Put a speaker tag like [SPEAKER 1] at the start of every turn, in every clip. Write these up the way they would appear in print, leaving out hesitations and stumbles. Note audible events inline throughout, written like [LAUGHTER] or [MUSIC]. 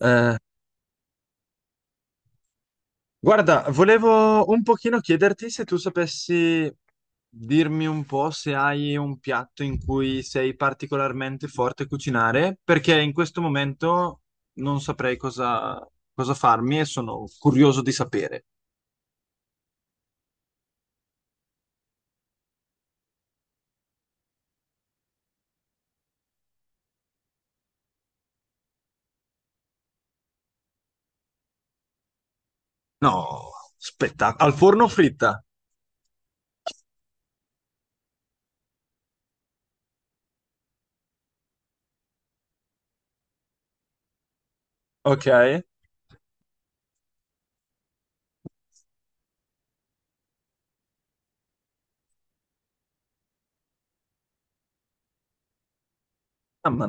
[SPEAKER 1] Eh, Guarda, volevo un pochino chiederti se tu sapessi dirmi un po' se hai un piatto in cui sei particolarmente forte a cucinare, perché in questo momento non saprei cosa farmi e sono curioso di sapere. No, spettacolo. Al forno fritta, ok? Ah, ma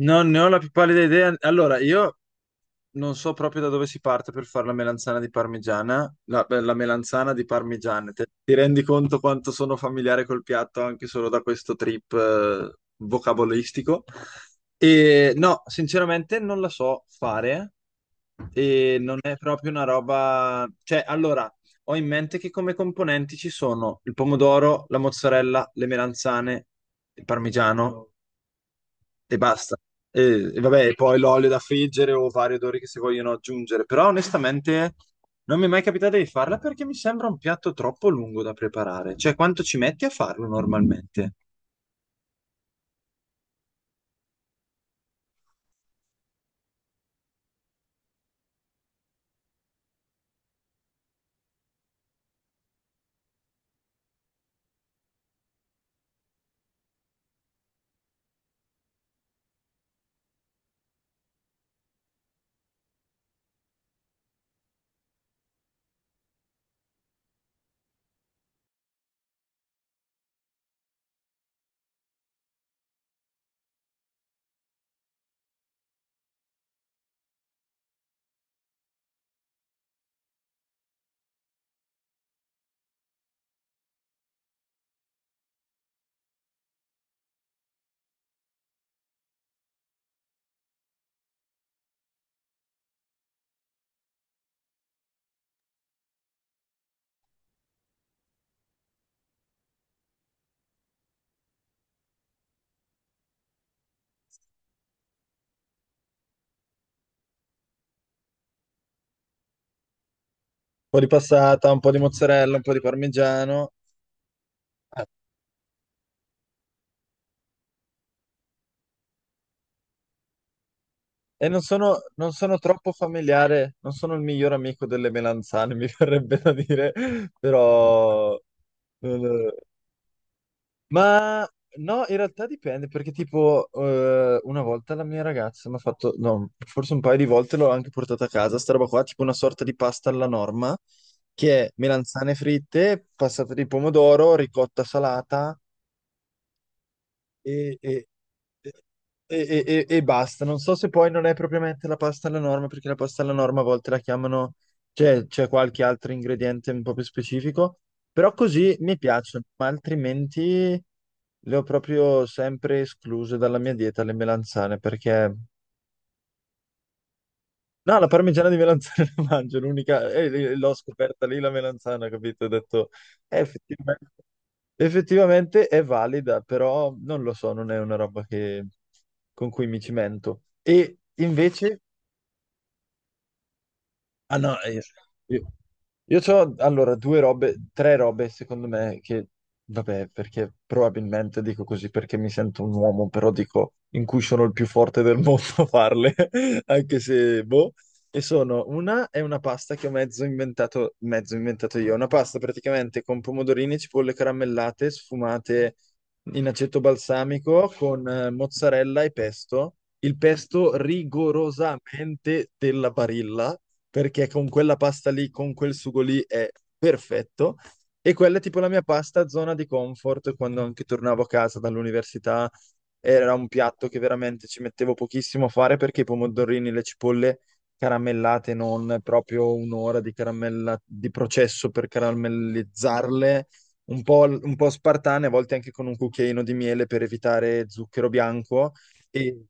[SPEAKER 1] non ne ho la più pallida idea. Allora, io non so proprio da dove si parte per fare la melanzana di parmigiana, la, beh, la melanzana di parmigiana. Ti rendi conto quanto sono familiare col piatto anche solo da questo trip vocabolistico? E no, sinceramente non la so fare e non è proprio una roba. Cioè, allora, ho in mente che come componenti ci sono il pomodoro, la mozzarella, le melanzane, il parmigiano e basta. E vabbè, e poi l'olio da friggere o vari odori che si vogliono aggiungere, però onestamente non mi è mai capitato di farla perché mi sembra un piatto troppo lungo da preparare. Cioè, quanto ci metti a farlo normalmente? Un po' di passata, un po' di mozzarella, un po' di parmigiano. E non sono troppo familiare, non sono il miglior amico delle melanzane, [LAUGHS] mi verrebbe da dire, [LAUGHS] però non- ma no, in realtà dipende perché tipo una volta la mia ragazza mi ha fatto, no, forse un paio di volte l'ho anche portata a casa, sta roba qua, tipo una sorta di pasta alla norma, che è melanzane fritte, passate di pomodoro, ricotta salata e, e- e- e basta. Non so se poi non è propriamente la pasta alla norma, perché la pasta alla norma a volte la chiamano, cioè c'è qualche altro ingrediente un po' più specifico, però così mi piace, ma altrimenti le ho proprio sempre escluse dalla mia dieta le melanzane, perché. No, la parmigiana di melanzane [LAUGHS] la mangio, l'unica, e l'ho scoperta lì la melanzana, capito? Ho detto, effettivamente. Effettivamente è valida, però non lo so, non è una roba che- con cui mi cimento. E invece ah no, io, io ho allora due robe, tre robe secondo me che, vabbè, perché probabilmente dico così perché mi sento un uomo, però dico in cui sono il più forte del [LAUGHS] mondo a farle, [LAUGHS] anche se, boh. E sono una, è una pasta che ho mezzo inventato io, una pasta praticamente con pomodorini, cipolle caramellate, sfumate in aceto balsamico, con mozzarella e pesto. Il pesto rigorosamente della Barilla perché con quella pasta lì, con quel sugo lì è perfetto. E quella è tipo la mia pasta zona di comfort quando anche tornavo a casa dall'università. Era un piatto che veramente ci mettevo pochissimo a fare perché i pomodorini, le cipolle caramellate, non proprio un'ora di caramella di processo per caramellizzarle, un po', un po' spartane, a volte anche con un cucchiaino di miele per evitare zucchero bianco. E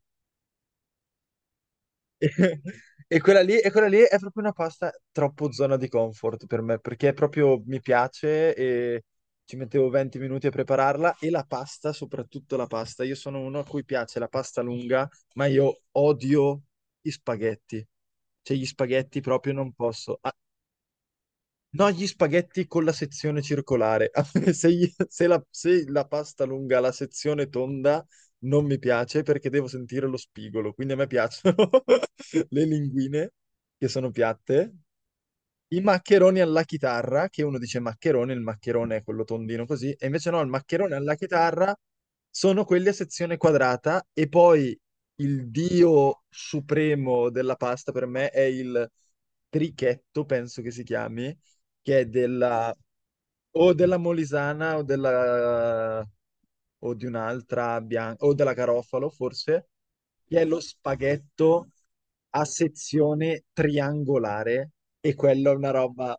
[SPEAKER 1] [LAUGHS] e quella lì, e quella lì è proprio una pasta troppo zona di comfort per me, perché è proprio mi piace e ci mettevo 20 minuti a prepararla e la pasta, soprattutto la pasta. Io sono uno a cui piace la pasta lunga, ma io odio gli spaghetti. Cioè, gli spaghetti proprio non posso. No, gli spaghetti con la sezione circolare. [LAUGHS] Se, se la pasta lunga ha la sezione tonda non mi piace perché devo sentire lo spigolo. Quindi a me piacciono [LAUGHS] le linguine che sono piatte, i maccheroni alla chitarra, che uno dice maccherone, il maccherone è quello tondino così, e invece no, il maccherone alla chitarra sono quelli a sezione quadrata e poi il dio supremo della pasta per me è il trichetto, penso che si chiami, che è della o della Molisana o di un'altra bianca o della Garofalo forse, che è lo spaghetto a sezione triangolare e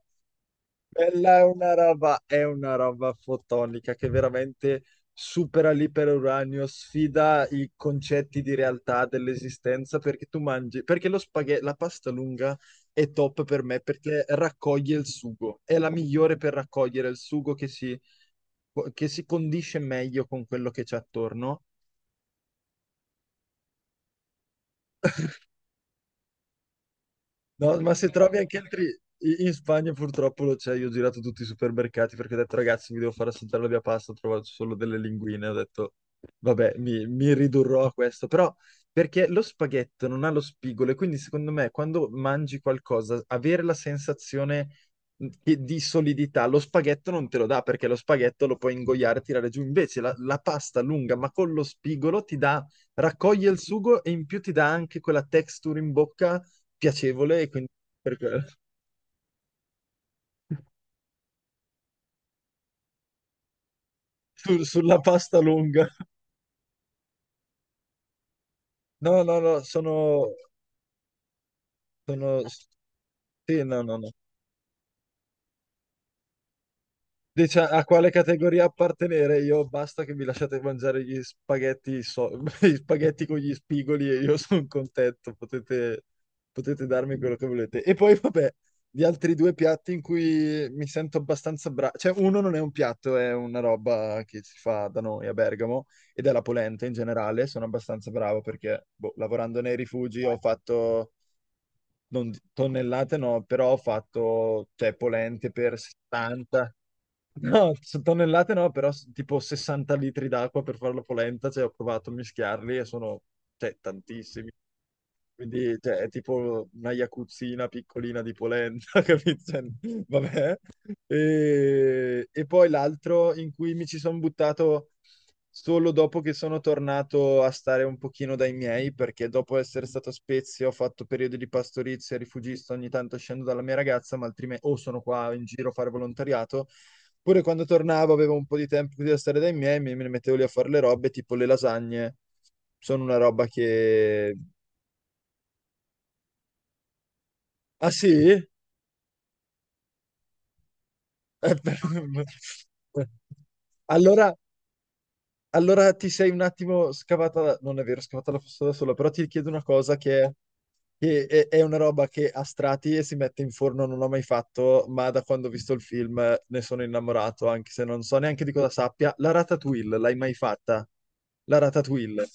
[SPEAKER 1] quella è una roba fotonica che veramente supera l'iperuranio, sfida i concetti di realtà dell'esistenza perché tu mangi, perché lo spaghetto, la pasta lunga è top per me perché raccoglie il sugo, è la migliore per raccogliere il sugo che si condisce meglio con quello che c'è attorno. No, ma se trovi anche altri. In Spagna purtroppo lo c'è, io ho girato tutti i supermercati perché ho detto ragazzi mi devo far assaggiare la mia pasta, ho trovato solo delle linguine, ho detto vabbè mi ridurrò a questo, però perché lo spaghetto non ha lo spigolo e quindi secondo me quando mangi qualcosa avere la sensazione di solidità, lo spaghetto non te lo dà perché lo spaghetto lo puoi ingoiare e tirare giù, invece la pasta lunga ma con lo spigolo ti dà, raccoglie il sugo e in più ti dà anche quella texture in bocca piacevole e quindi per quello. [LAUGHS] Sulla pasta lunga. No, no, no, sono, Sono. Sì, no, no, no. Dice a quale categoria appartenere? Io basta che mi lasciate mangiare gli spaghetti, [LAUGHS] gli spaghetti con gli spigoli e io sono contento, potete darmi quello che volete. E poi vabbè, gli altri due piatti in cui mi sento abbastanza bravo, cioè uno non è un piatto, è una roba che si fa da noi a Bergamo ed è la polenta in generale, sono abbastanza bravo perché boh, lavorando nei rifugi ho fatto, non di- tonnellate no, però ho fatto cioè, polente per 60. No, su tonnellate no, però tipo 60 litri d'acqua per fare la polenta, cioè ho provato a mischiarli e sono, cioè, tantissimi. Quindi, cioè, è tipo una jacuzzina piccolina di polenta, [LAUGHS] capito? Cioè, vabbè. E poi l'altro in cui mi ci sono buttato solo dopo che sono tornato a stare un pochino dai miei, perché dopo essere stato a Spezia ho fatto periodi di pastorizia, rifugista, ogni tanto scendo dalla mia ragazza, ma altrimenti o sono qua in giro a fare volontariato. Pure quando tornavo avevo un po' di tempo da stare dai miei, mi me ne mettevo lì a fare le robe, tipo le lasagne. Sono una roba che. Ah sì? Eh, per- Allora, allora ti sei un attimo scavata, non è vero, scavata la fossa da sola, però ti chiedo una cosa che è una roba che a strati e si mette in forno, non l'ho mai fatto, ma da quando ho visto il film ne sono innamorato, anche se non so neanche di cosa sappia. La ratatouille, l'hai mai fatta? La ratatouille.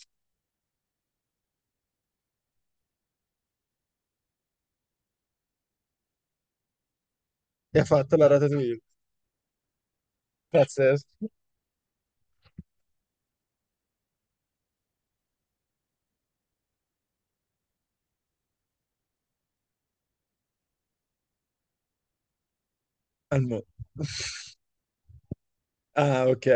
[SPEAKER 1] E ha fatto la ratatouille. Pazzesco. Al mo- [LAUGHS] Ah, ok.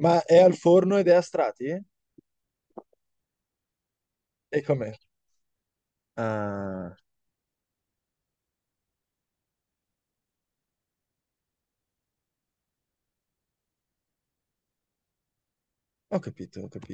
[SPEAKER 1] Ma è al forno ed è a strati? E com'è? Ah, ho capito, ho capito.